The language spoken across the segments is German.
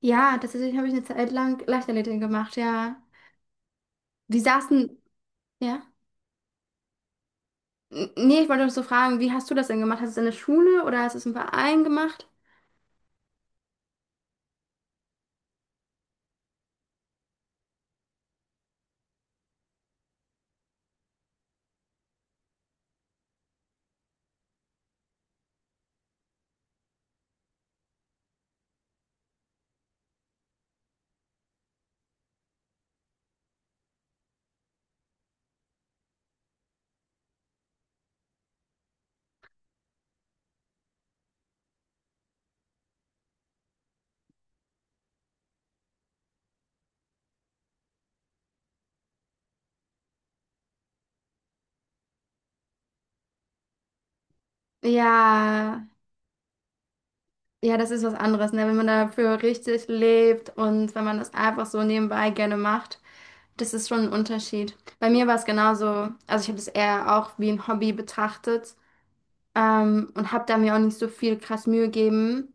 Ja, tatsächlich habe ich eine Zeit lang Leichtathletik gemacht, ja. Die saßen, ja. N nee, ich wollte noch so fragen, wie hast du das denn gemacht? Hast du es in der Schule oder hast du es im Verein gemacht? Ja, ja, das ist was anderes, ne? Wenn man dafür richtig lebt und wenn man das einfach so nebenbei gerne macht, das ist schon ein Unterschied. Bei mir war es genauso, also ich habe das eher auch wie ein Hobby betrachtet, und habe da mir auch nicht so viel krass Mühe gegeben.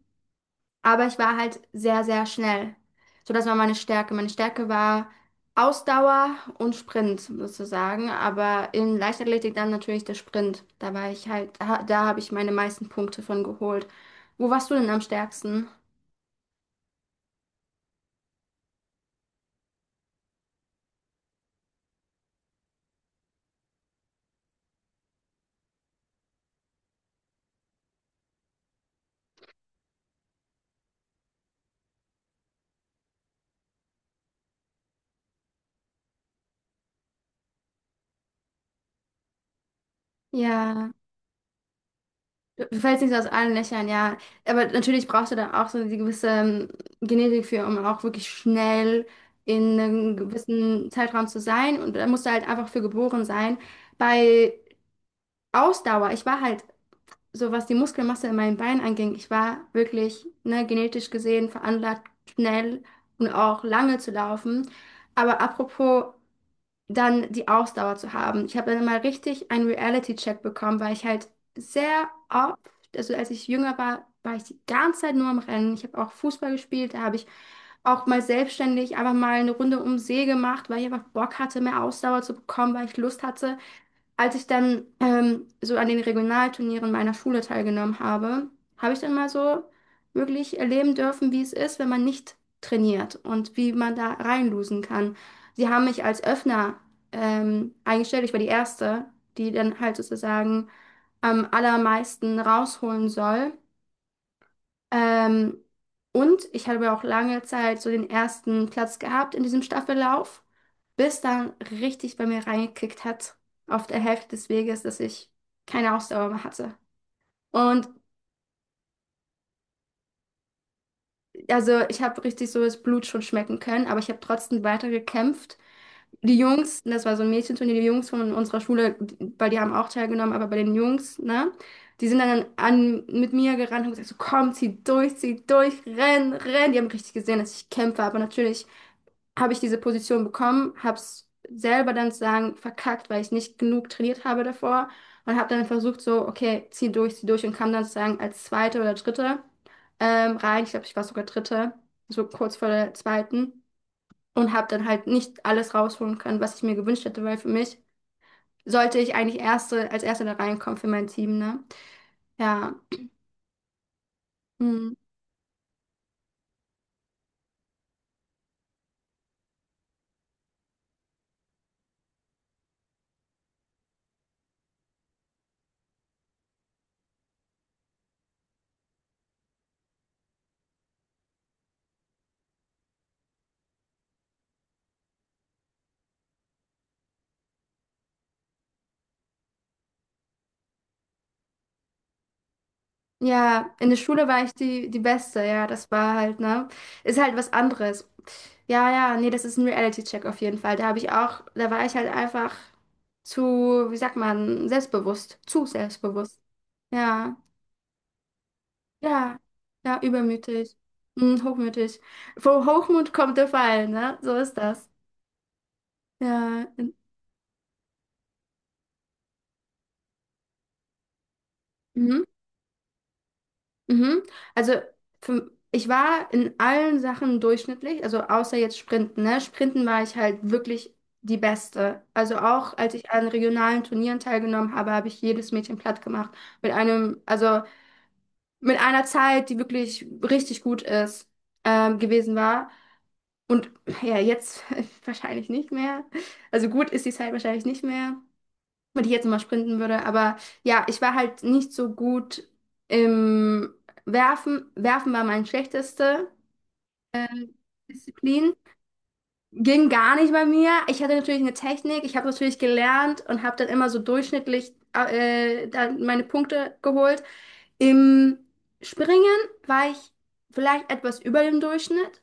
Aber ich war halt sehr, sehr schnell. So, das war meine Stärke. Meine Stärke war Ausdauer und Sprint sozusagen. Aber in Leichtathletik dann natürlich der Sprint. Da war ich halt, da, da habe ich meine meisten Punkte von geholt. Wo warst du denn am stärksten? Ja, du fällst nicht so aus allen Löchern, ja. Aber natürlich brauchst du dann auch so die gewisse Genetik für, um auch wirklich schnell in einem gewissen Zeitraum zu sein. Und da musst du halt einfach für geboren sein. Bei Ausdauer, ich war halt so was die Muskelmasse in meinen Beinen anging, ich war wirklich, ne, genetisch gesehen veranlagt, schnell und auch lange zu laufen. Aber apropos dann die Ausdauer zu haben. Ich habe dann mal richtig einen Reality-Check bekommen, weil ich halt sehr oft, also als ich jünger war, war ich die ganze Zeit nur am Rennen. Ich habe auch Fußball gespielt, da habe ich auch mal selbstständig einfach mal eine Runde um den See gemacht, weil ich einfach Bock hatte, mehr Ausdauer zu bekommen, weil ich Lust hatte als ich dann so an den Regionalturnieren meiner Schule teilgenommen habe, habe ich dann mal so wirklich erleben dürfen, wie es ist, wenn man nicht trainiert und wie man da reinlosen kann. Sie haben mich als Öffner eingestellt. Ich war die Erste, die dann halt sozusagen am allermeisten rausholen soll. Ähm, und ich habe auch lange Zeit so den ersten Platz gehabt in diesem Staffellauf, bis dann richtig bei mir reingekickt hat auf der Hälfte des Weges, dass ich keine Ausdauer mehr hatte. Und also ich habe richtig so das Blut schon schmecken können, aber ich habe trotzdem weiter gekämpft. Die Jungs, das war so ein Mädchenturnier, die Jungs von unserer Schule, weil die haben auch teilgenommen, aber bei den Jungs, ne, die sind dann an, mit mir gerannt und haben gesagt, so komm, zieh durch, renn, renn. Die haben richtig gesehen, dass ich kämpfe, aber natürlich habe ich diese Position bekommen, habe es selber dann zu sagen verkackt, weil ich nicht genug trainiert habe davor und habe dann versucht so, okay, zieh durch und kam dann sozusagen als Zweite oder Dritte rein. Ich glaube, ich war sogar Dritte, so kurz vor der Zweiten und habe dann halt nicht alles rausholen können, was ich mir gewünscht hätte, weil für mich sollte ich eigentlich Erste, als Erste da reinkommen für mein Team, ne? Ja. Mhm. Ja, in der Schule war ich die, die Beste, ja, das war halt, ne? Ist halt was anderes. Ja, ja, nee, das ist ein Reality-Check auf jeden Fall. Da habe ich auch, da war ich halt einfach zu, wie sagt man, selbstbewusst, zu selbstbewusst. Ja, ja, ja, übermütig, hm, hochmütig. Vom Hochmut kommt der Fall, ne? So ist das. Ja, mhm. Mhm. Also für, ich war in allen Sachen durchschnittlich, also außer jetzt Sprinten, ne? Sprinten war ich halt wirklich die Beste. Also auch als ich an regionalen Turnieren teilgenommen habe, habe ich jedes Mädchen platt gemacht. Mit einem, also mit einer Zeit, die wirklich richtig gut ist, gewesen war. Und ja, jetzt wahrscheinlich nicht mehr. Also gut ist die Zeit wahrscheinlich nicht mehr wenn ich jetzt mal sprinten würde. Aber ja, ich war halt nicht so gut im Werfen. Werfen war meine schlechteste Disziplin. Ging gar nicht bei mir. Ich hatte natürlich eine Technik. Ich habe natürlich gelernt und habe dann immer so durchschnittlich dann meine Punkte geholt. Im Springen war ich vielleicht etwas über dem Durchschnitt.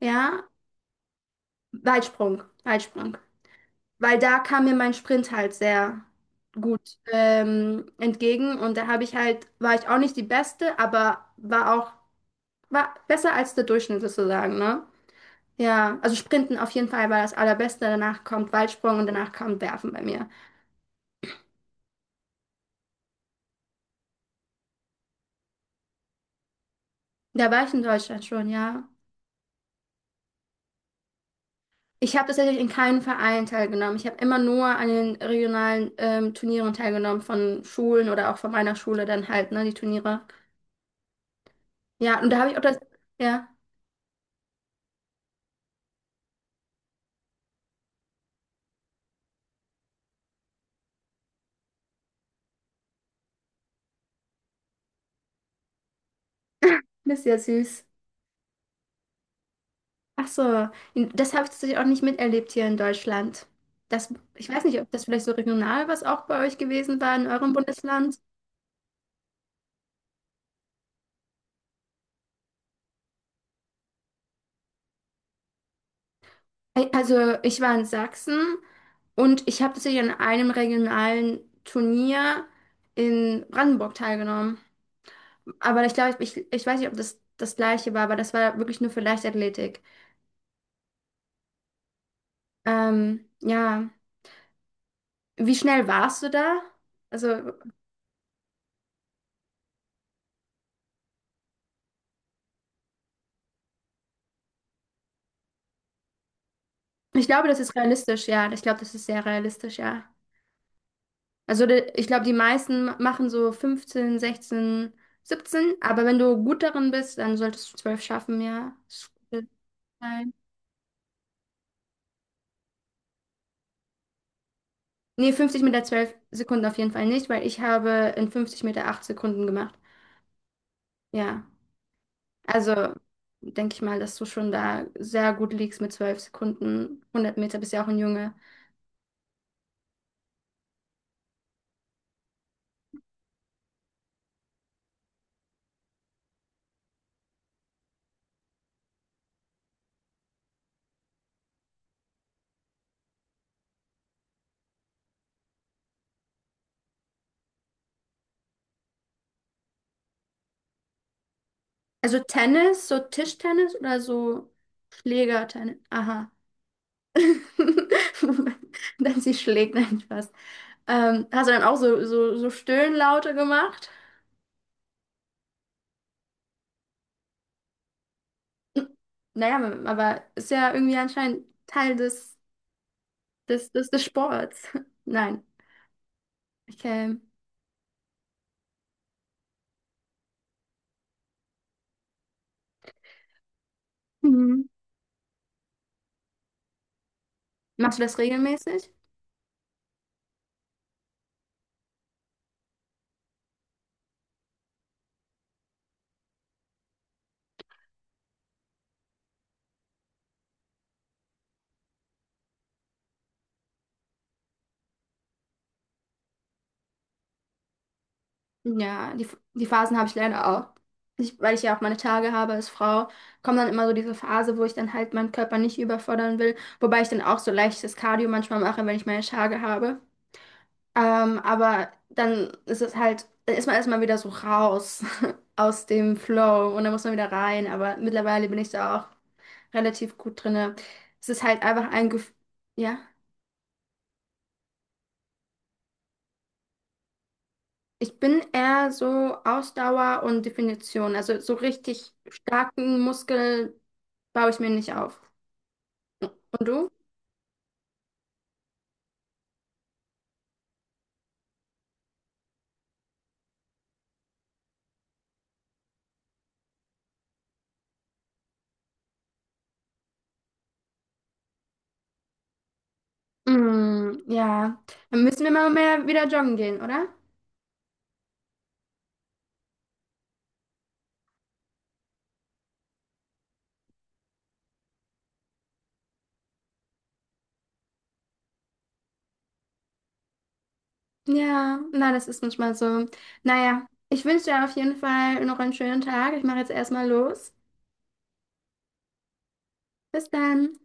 Ja, Weitsprung. Weitsprung. Weil da kam mir mein Sprint halt sehr gut entgegen und da habe ich halt, war ich auch nicht die Beste, aber war auch, war besser als der Durchschnitt sozusagen, ne? Ja, also Sprinten auf jeden Fall war das Allerbeste, danach kommt Weitsprung und danach kommt Werfen bei mir. Da war ich in Deutschland schon, ja. Ich habe tatsächlich in keinem Verein teilgenommen. Ich habe immer nur an den regionalen Turnieren teilgenommen, von Schulen oder auch von meiner Schule dann halt, ne, die Turniere. Ja, und da habe ich auch das, ja, das ist ja süß. Ach so, das habe ich tatsächlich auch nicht miterlebt hier in Deutschland. Das, ich weiß nicht, ob das vielleicht so regional was auch bei euch gewesen war in eurem Bundesland. Also ich war in Sachsen und ich habe tatsächlich an einem regionalen Turnier in Brandenburg teilgenommen. Aber ich glaube, ich weiß nicht, ob das das gleiche war, aber das war wirklich nur für Leichtathletik. Ja, wie schnell warst du da? Also ich glaube, das ist realistisch, ja. Ich glaube, das ist sehr realistisch, ja. Also de- ich glaube, die meisten ma- machen so 15, 16, 17, aber wenn du gut darin bist, dann solltest du 12 schaffen, ja. Das ist ein- Nee, 50 Meter 12 Sekunden auf jeden Fall nicht, weil ich habe in 50 Meter 8 Sekunden gemacht. Ja, also denke ich mal, dass du schon da sehr gut liegst mit 12 Sekunden. 100 Meter bist ja auch ein Junge. Also Tennis, so Tischtennis oder so Schlägertennis? Aha. Dann sie schlägt nein fast. Hast du dann auch so, so Stöhnlaute gemacht? Naja, aber ist ja irgendwie anscheinend Teil des, des Sports. Nein. Okay. Mhm. Machst du das regelmäßig? Ja, die, die Phasen habe ich leider auch. Ich, weil ich ja auch meine Tage habe als Frau, kommt dann immer so diese Phase, wo ich dann halt meinen Körper nicht überfordern will. Wobei ich dann auch so leichtes Cardio manchmal mache, wenn ich meine Tage habe. Aber dann ist es halt, dann ist man erstmal wieder so raus aus dem Flow und dann muss man wieder rein. Aber mittlerweile bin ich da auch relativ gut drinne. Es ist halt einfach ein Gefühl, ja. Ich bin eher so Ausdauer und Definition. Also so richtig starken Muskel baue ich mir nicht auf. Und du? Mm, ja. Dann müssen wir mal mehr wieder joggen gehen, oder? Ja, na, das ist manchmal so. Naja, ich wünsche dir auf jeden Fall noch einen schönen Tag. Ich mache jetzt erstmal los. Bis dann.